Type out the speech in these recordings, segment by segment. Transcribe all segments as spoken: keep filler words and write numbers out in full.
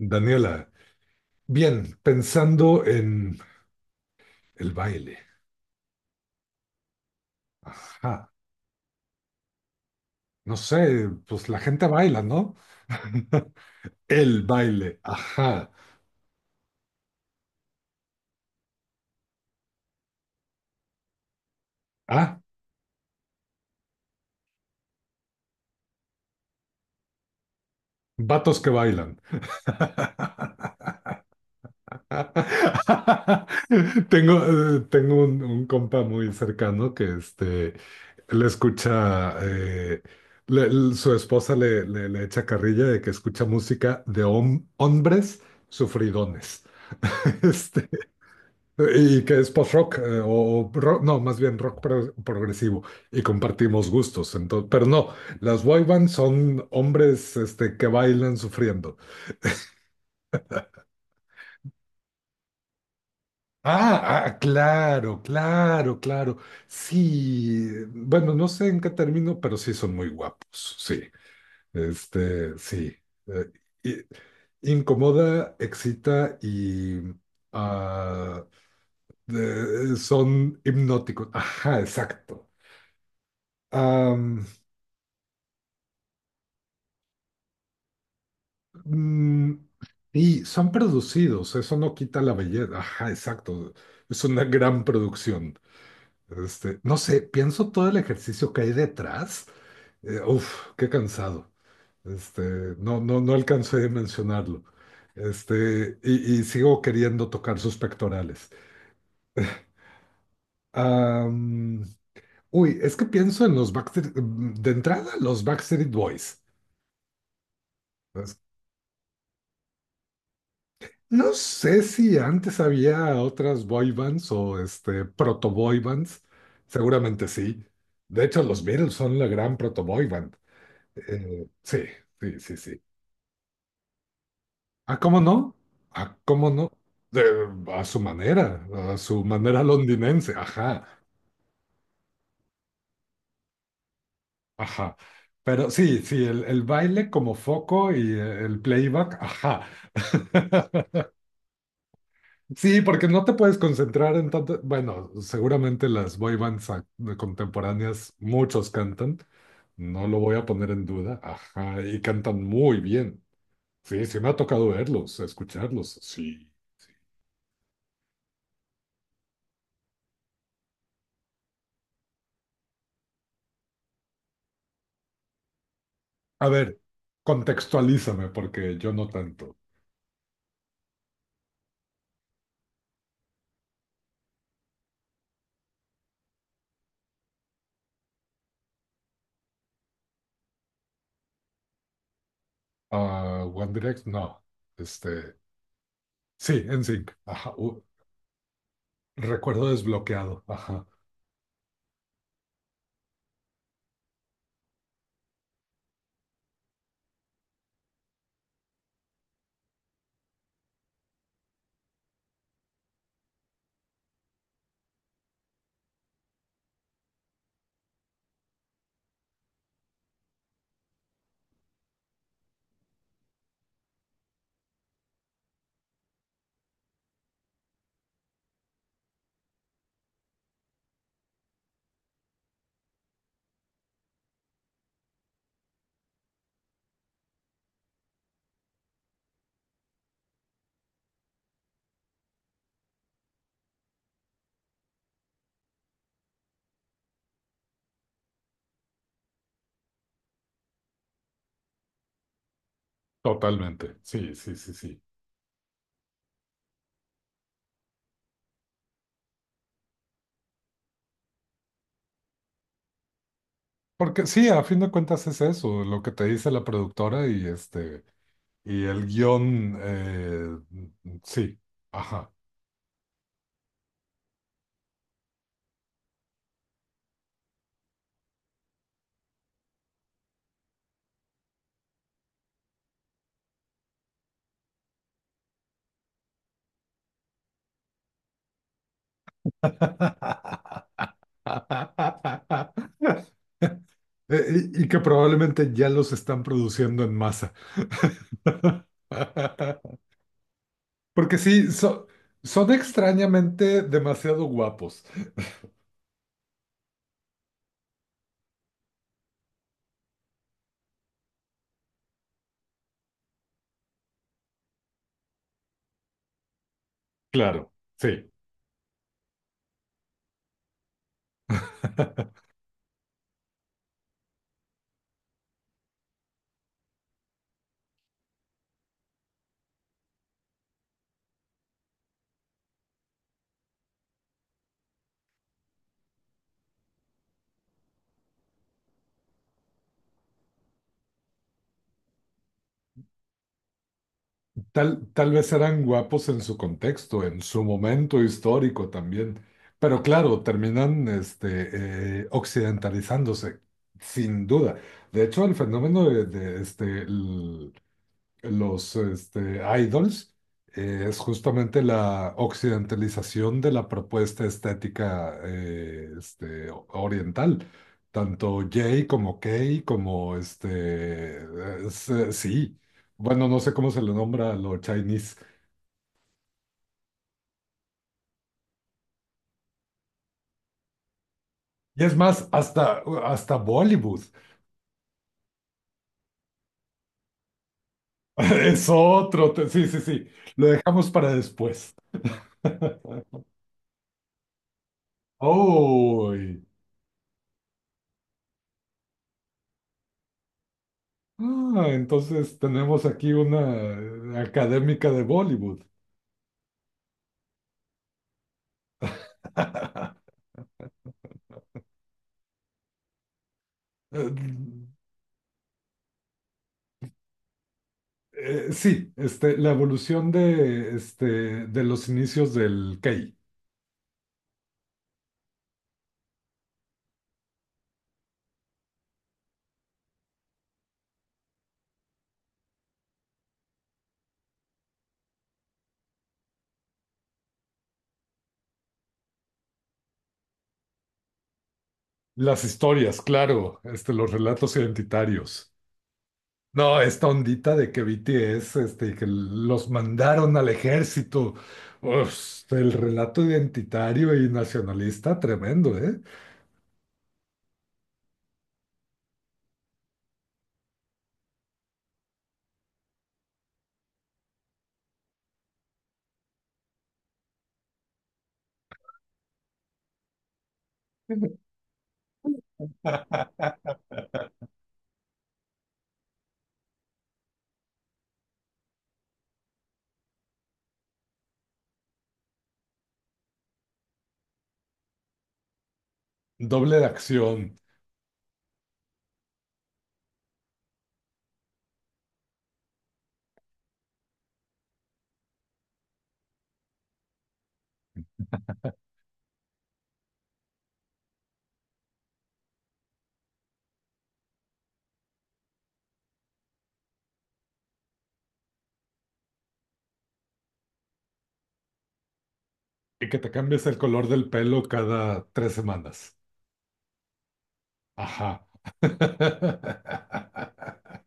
Daniela, bien, pensando en el baile. Ajá. No sé, pues la gente baila, ¿no? El baile. Ajá. Ah, vatos que bailan. Tengo, eh, tengo un, un compa muy cercano que este, le escucha, eh, le- l- su esposa le, le- le echa carrilla de que escucha música de hom- hombres sufridones. Este, Y que es post-rock, eh, o rock, no, más bien rock pro- progresivo, y compartimos gustos. Entonces, pero no, las boy bands son hombres este, que bailan sufriendo. Ah, ah, claro, claro, claro. Sí, bueno, no sé en qué término, pero sí son muy guapos, sí. Este, sí. Eh, i- incomoda, excita y ah, eh, son hipnóticos. Ajá, exacto. Mm, y son producidos, eso no quita la belleza. Ajá, exacto. Es una gran producción. Este, no sé, pienso todo el ejercicio que hay detrás. eh, uf, qué cansado. Este, no, no, no alcancé de mencionarlo. Este, y, y sigo queriendo tocar sus pectorales. Am, uy, es que pienso en los Backstreet, de entrada, los Backstreet Boys. No sé si antes había otras boy bands o este proto boy bands. Seguramente sí. De hecho, los Beatles son la gran proto boy band. Eh, sí, sí, sí, sí. ¿Ah, cómo no? ¿Ah, cómo no? De- a su manera, a su manera londinense. Ajá, ajá. Pero sí, sí, el, el baile como foco y eh, el playback, ajá. Sí, porque no te puedes concentrar en tanto. Bueno, seguramente las boy bands ac- contemporáneas, muchos cantan, no lo voy a poner en duda. Ajá, y cantan muy bien. Sí, sí me ha tocado verlos, escucharlos. Sí, sí. A ver, contextualízame, porque yo no tanto. Ah, One Direct, no. Este, sí, N SYNC. Ajá, uh, recuerdo desbloqueado. Ajá, totalmente. Sí, sí, sí, sí. Porque sí, a fin de cuentas es eso, lo que te dice la productora y este, y el guión, eh, sí, ajá. Eh, y, y que probablemente ya los están produciendo en masa. Porque sí, so- son extrañamente demasiado guapos. Claro, sí. Tal, tal vez eran guapos en su contexto, en su momento histórico también, pero claro, terminan este, eh, occidentalizándose, sin duda. De hecho, el fenómeno de, de, este, los este, idols eh, es justamente la occidentalización de la propuesta estética eh, este, o- oriental. Tanto J como K como este, es, eh, sí. Bueno, no sé cómo se le nombra a lo Chinese. Y es más, hasta, uh, hasta Bollywood. Es otro. te- Sí, sí, sí. Lo dejamos para después. Oh. Ah, entonces tenemos aquí una académica de Bollywood. Eh, eh, sí, este, la evolución de, este, de los inicios del Kei. Las historias, claro, este, los relatos identitarios. No, esta ondita de que B T S, este, y que los mandaron al ejército. Uf, el relato identitario y nacionalista, tremendo, ¿eh? Doble de acción y que te cambies el color del pelo cada tres semanas. Ajá.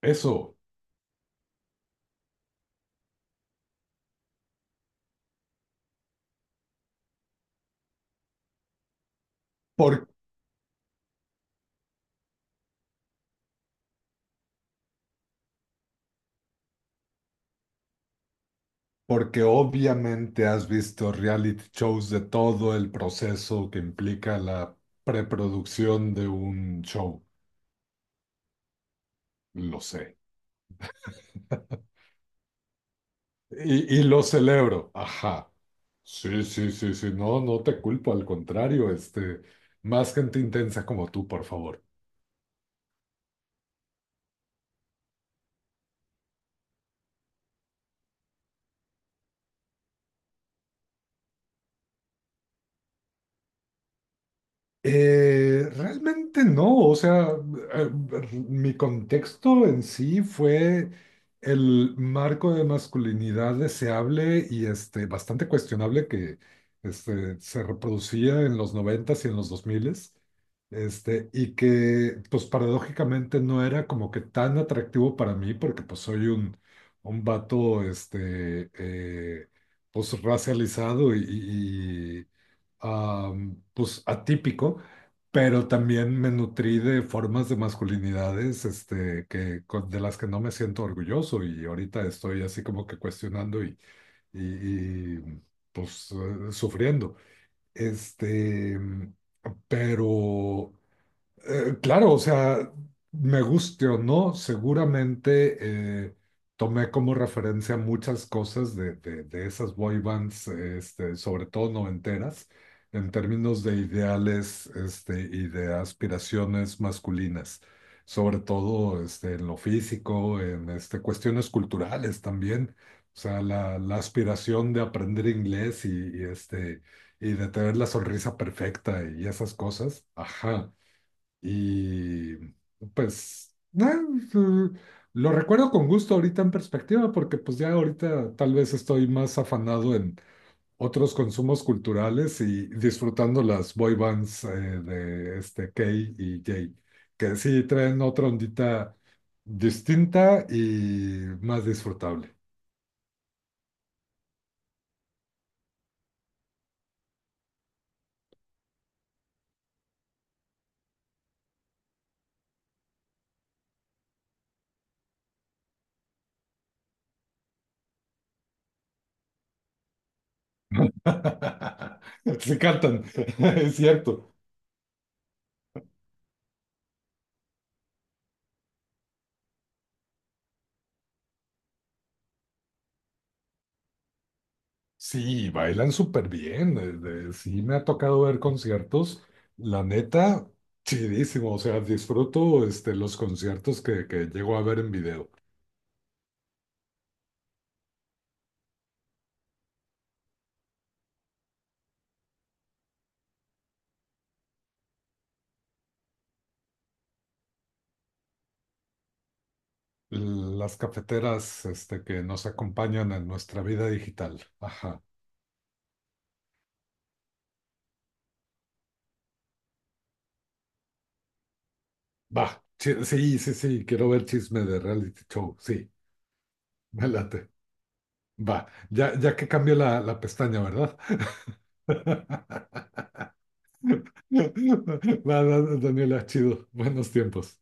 Eso, por- porque obviamente has visto reality shows de todo el proceso que implica la preproducción de un show, lo sé. Y, y lo celebro, ajá. Sí, sí, sí, sí, no, no te culpo, al contrario, este, más gente intensa como tú, por favor. Eh, realmente no, o sea, eh, mi contexto en sí fue el marco de masculinidad deseable y este, bastante cuestionable que este, se reproducía en los noventas y en los dos miles, este, y que pues paradójicamente no era como que tan atractivo para mí porque pues soy un, un vato este, eh, pues racializado y, y- am, pues atípico, pero también me nutrí de formas de masculinidades este, que, con- de las que no me siento orgulloso y ahorita estoy así como que cuestionando y, y- y, pues eh, sufriendo. Este, pero eh, claro, o sea, me guste o no, seguramente eh, tomé como referencia muchas cosas de, de- de esas boy bands, este, sobre todo noventeras, en términos de ideales, este, y de aspiraciones masculinas, sobre todo, este, en lo físico, en, este, cuestiones culturales también, o sea, la, la aspiración de aprender inglés y, y, este, y de tener la sonrisa perfecta y esas cosas, ajá. Y pues nah, eh, lo recuerdo con gusto ahorita en perspectiva, porque pues ya ahorita tal vez estoy más afanado en otros consumos culturales y disfrutando las boy bands eh, de este K y J, que sí traen otra ondita distinta y más disfrutable. Sí cantan, es cierto. Sí, bailan súper bien. eh, eh, Sí, me ha tocado ver conciertos. La neta, chidísimo. O sea, disfruto este, los conciertos que, que llego a ver en video. Las cafeteras este, que nos acompañan en nuestra vida digital. Ajá. Va. chi- Sí, sí, sí. Quiero ver chisme de reality show. Sí, me late. Va. Ya, ya que cambié la, la pestaña, ¿verdad? Va, va, Daniela, chido. Buenos tiempos.